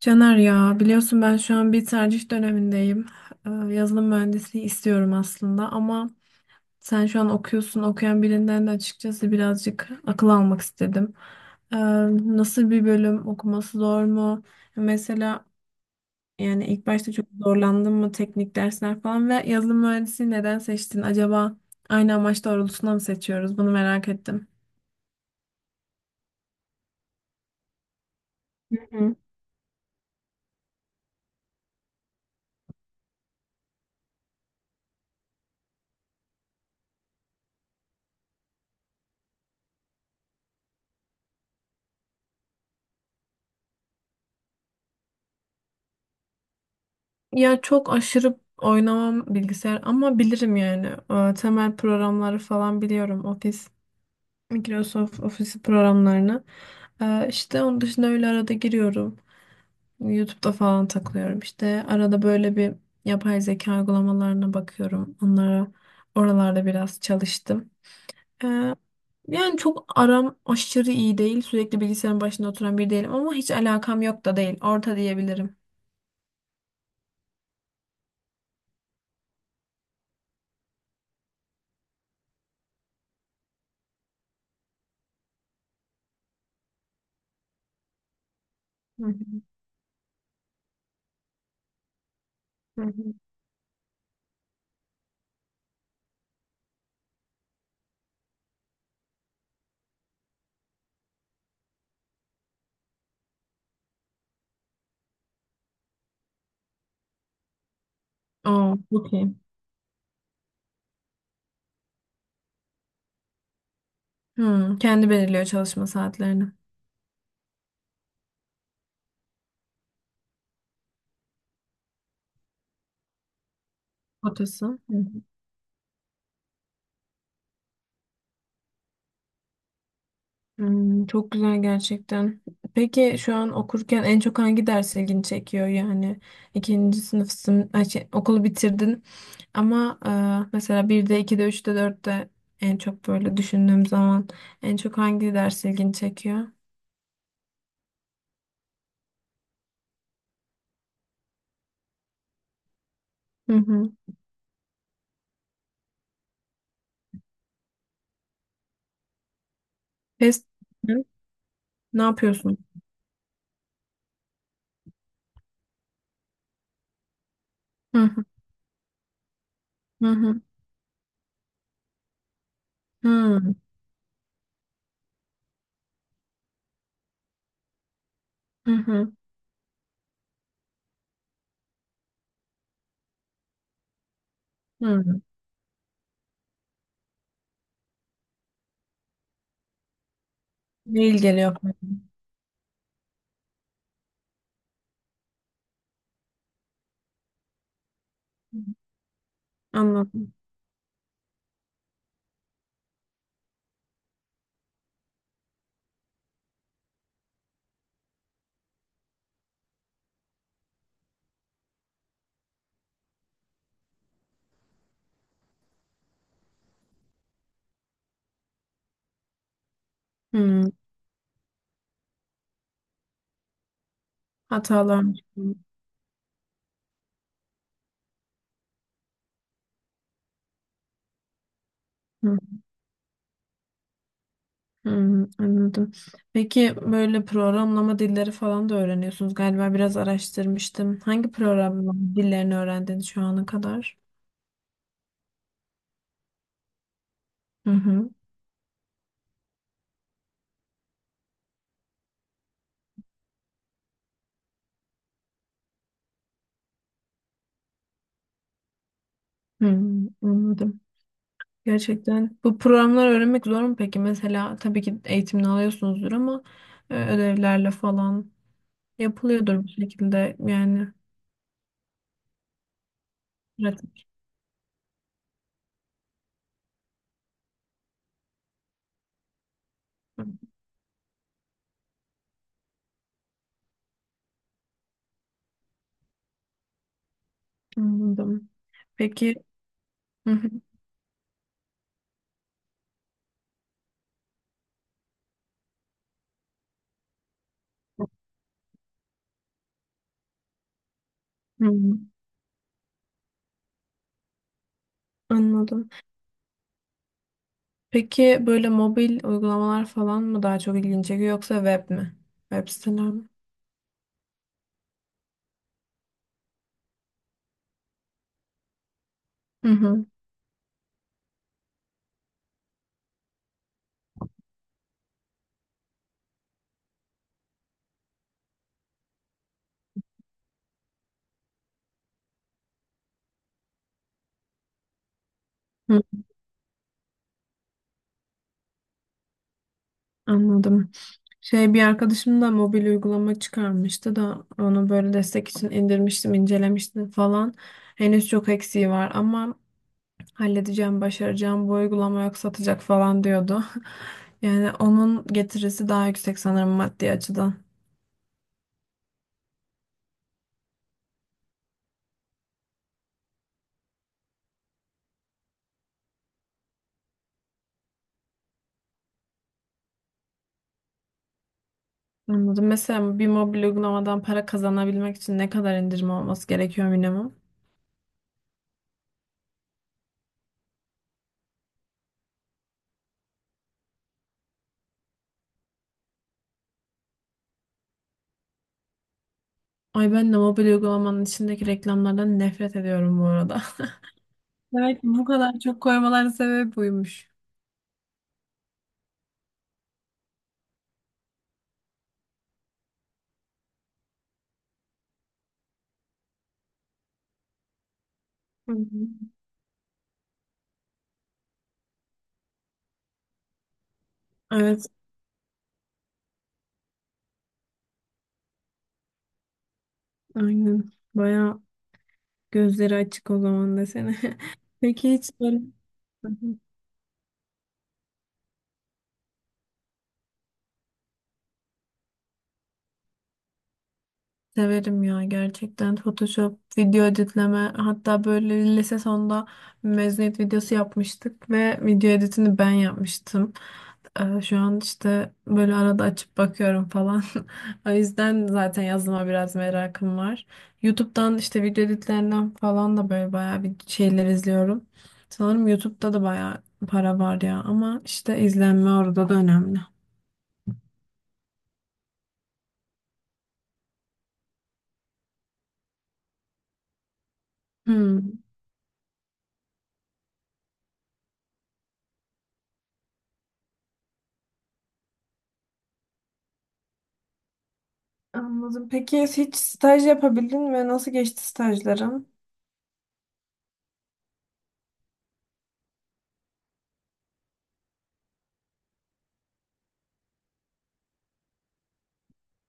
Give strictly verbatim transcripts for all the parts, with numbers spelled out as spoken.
Caner, ya biliyorsun ben şu an bir tercih dönemindeyim. Ee, Yazılım mühendisliği istiyorum aslında, ama sen şu an okuyorsun. Okuyan birinden de açıkçası birazcık akıl almak istedim. Ee, Nasıl bir bölüm, okuması zor mu? Mesela yani ilk başta çok zorlandın mı teknik dersler falan ve yazılım mühendisliği neden seçtin? Acaba aynı amaç doğrultusunda mı seçiyoruz? Bunu merak ettim. Ya çok aşırı oynamam bilgisayar ama bilirim yani. Ee, Temel programları falan biliyorum. Office, Microsoft Office programlarını. Ee, işte onun dışında öyle arada giriyorum. YouTube'da falan takılıyorum. İşte arada böyle bir yapay zeka uygulamalarına bakıyorum. Onlara oralarda biraz çalıştım. Ee, yani çok aram aşırı iyi değil. Sürekli bilgisayarın başında oturan biri değilim ama hiç alakam yok da değil. Orta diyebilirim. Hı hı, hı hı. Oo, çok iyi. Hı, kendi belirliyor çalışma saatlerini. Kotası. Hı hı. Hmm, çok güzel gerçekten. Peki şu an okurken en çok hangi ders ilgini çekiyor? Yani ikinci sınıfsın, ay şey, okulu bitirdin ama e, mesela birde, ikide, üçte, dörtte en çok böyle düşündüğüm zaman en çok hangi ders ilgini çekiyor? Hı hı. Test mi? Ne yapıyorsun? Hı hı, hı hı, hı hı, hı. Hı. Mail geliyor. Anladım. Hmm, hatalar. Hmm. Hmm, anladım. Peki böyle programlama dilleri falan da öğreniyorsunuz galiba, biraz araştırmıştım. Hangi programlama dillerini öğrendin şu ana kadar? Hı hı. Hmm, anladım. Gerçekten bu programları öğrenmek zor mu peki? Mesela tabii ki eğitimini alıyorsunuzdur ama e, ödevlerle falan yapılıyordur bir şekilde yani pratik. Anladım. Peki. Hı hı. Hı, anladım. Peki böyle mobil uygulamalar falan mı daha çok ilgini çekiyor, yoksa web mi? Web siteler mi? Hı hı. Hı, anladım. Şey, bir arkadaşım da mobil uygulama çıkarmıştı da onu böyle destek için indirmiştim, incelemiştim falan. Henüz çok eksiği var ama halledeceğim, başaracağım. Bu uygulama yok satacak falan diyordu. Yani onun getirisi daha yüksek sanırım maddi açıdan. Anladım. Mesela bir mobil uygulamadan para kazanabilmek için ne kadar indirim olması gerekiyor minimum? Ay, ben de mobil uygulamanın içindeki reklamlardan nefret ediyorum bu arada. Belki bu kadar çok koymaların sebebi buymuş. Hı hı. Evet, aynen. Baya gözleri açık o zaman desene. Peki hiç böyle... Hı hı. Severim ya, gerçekten Photoshop, video editleme, hatta böyle lise sonunda mezuniyet videosu yapmıştık ve video editini ben yapmıştım. Ee, şu an işte böyle arada açıp bakıyorum falan. O yüzden zaten yazılıma biraz merakım var. YouTube'dan işte video editlerinden falan da böyle bayağı bir şeyler izliyorum. Sanırım YouTube'da da bayağı para var ya, ama işte izlenme orada da önemli. Hmm. Anladım. Peki hiç staj yapabildin ve nasıl geçti stajların?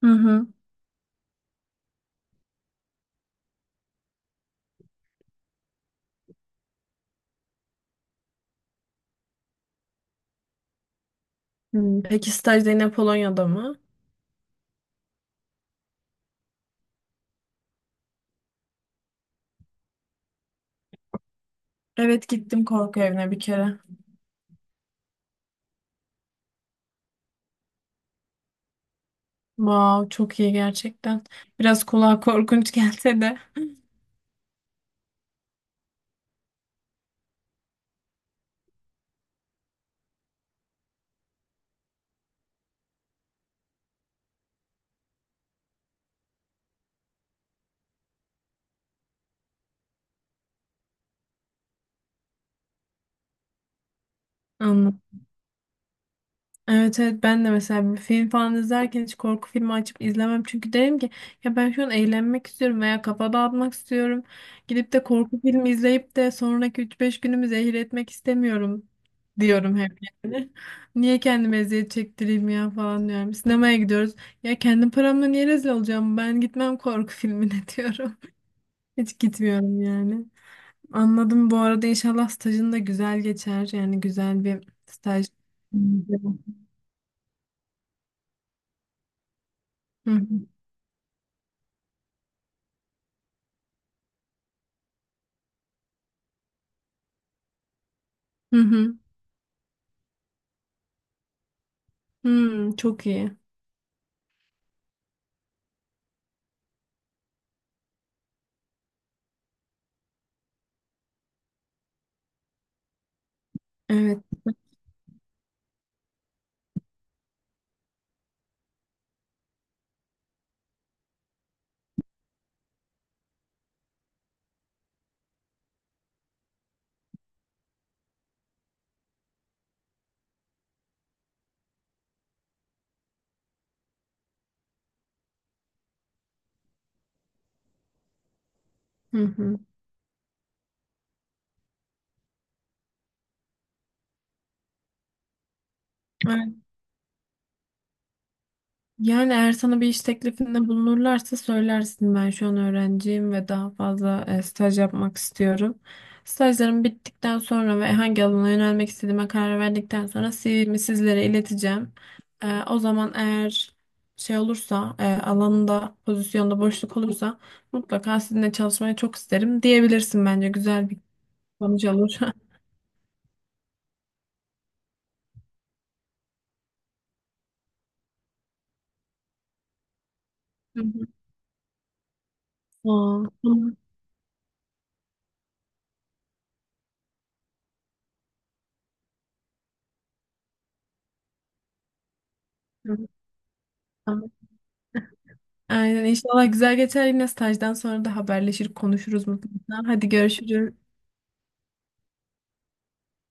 Hı hı. Hmm, peki staj da yine Polonya'da mı? Evet, gittim korku evine bir kere. Wow, çok iyi gerçekten. Biraz kulağa korkunç gelse de. Anladım. Evet evet, ben de mesela bir film falan izlerken hiç korku filmi açıp izlemem. Çünkü derim ki ya ben şu an eğlenmek istiyorum veya kafa dağıtmak istiyorum. Gidip de korku filmi izleyip de sonraki üç beş günümü zehir etmek istemiyorum diyorum hep yani. Niye kendime eziyet çektireyim ya falan diyorum. Sinemaya gidiyoruz. Ya kendim paramla niye rezil olacağım? Ben gitmem korku filmine diyorum. Hiç gitmiyorum yani. Anladım. Bu arada inşallah stajın da güzel geçer. Yani güzel bir staj. Hı hı. Hı hı. Hmm, çok iyi. Evet. Hı hı. Evet. Yani eğer sana bir iş teklifinde bulunurlarsa söylersin, ben şu an öğrenciyim ve daha fazla e, staj yapmak istiyorum. Stajlarım bittikten sonra ve hangi alana yönelmek istediğime karar verdikten sonra C V'mi sizlere ileteceğim. E, o zaman eğer şey olursa, e, alanında pozisyonda boşluk olursa mutlaka sizinle çalışmayı çok isterim diyebilirsin, bence güzel bir sonuç olur. Hı hı. Aa, tamam. Tamam. Aynen, inşallah güzel geçer, yine stajdan sonra da haberleşir konuşuruz mutlaka. Hadi görüşürüz.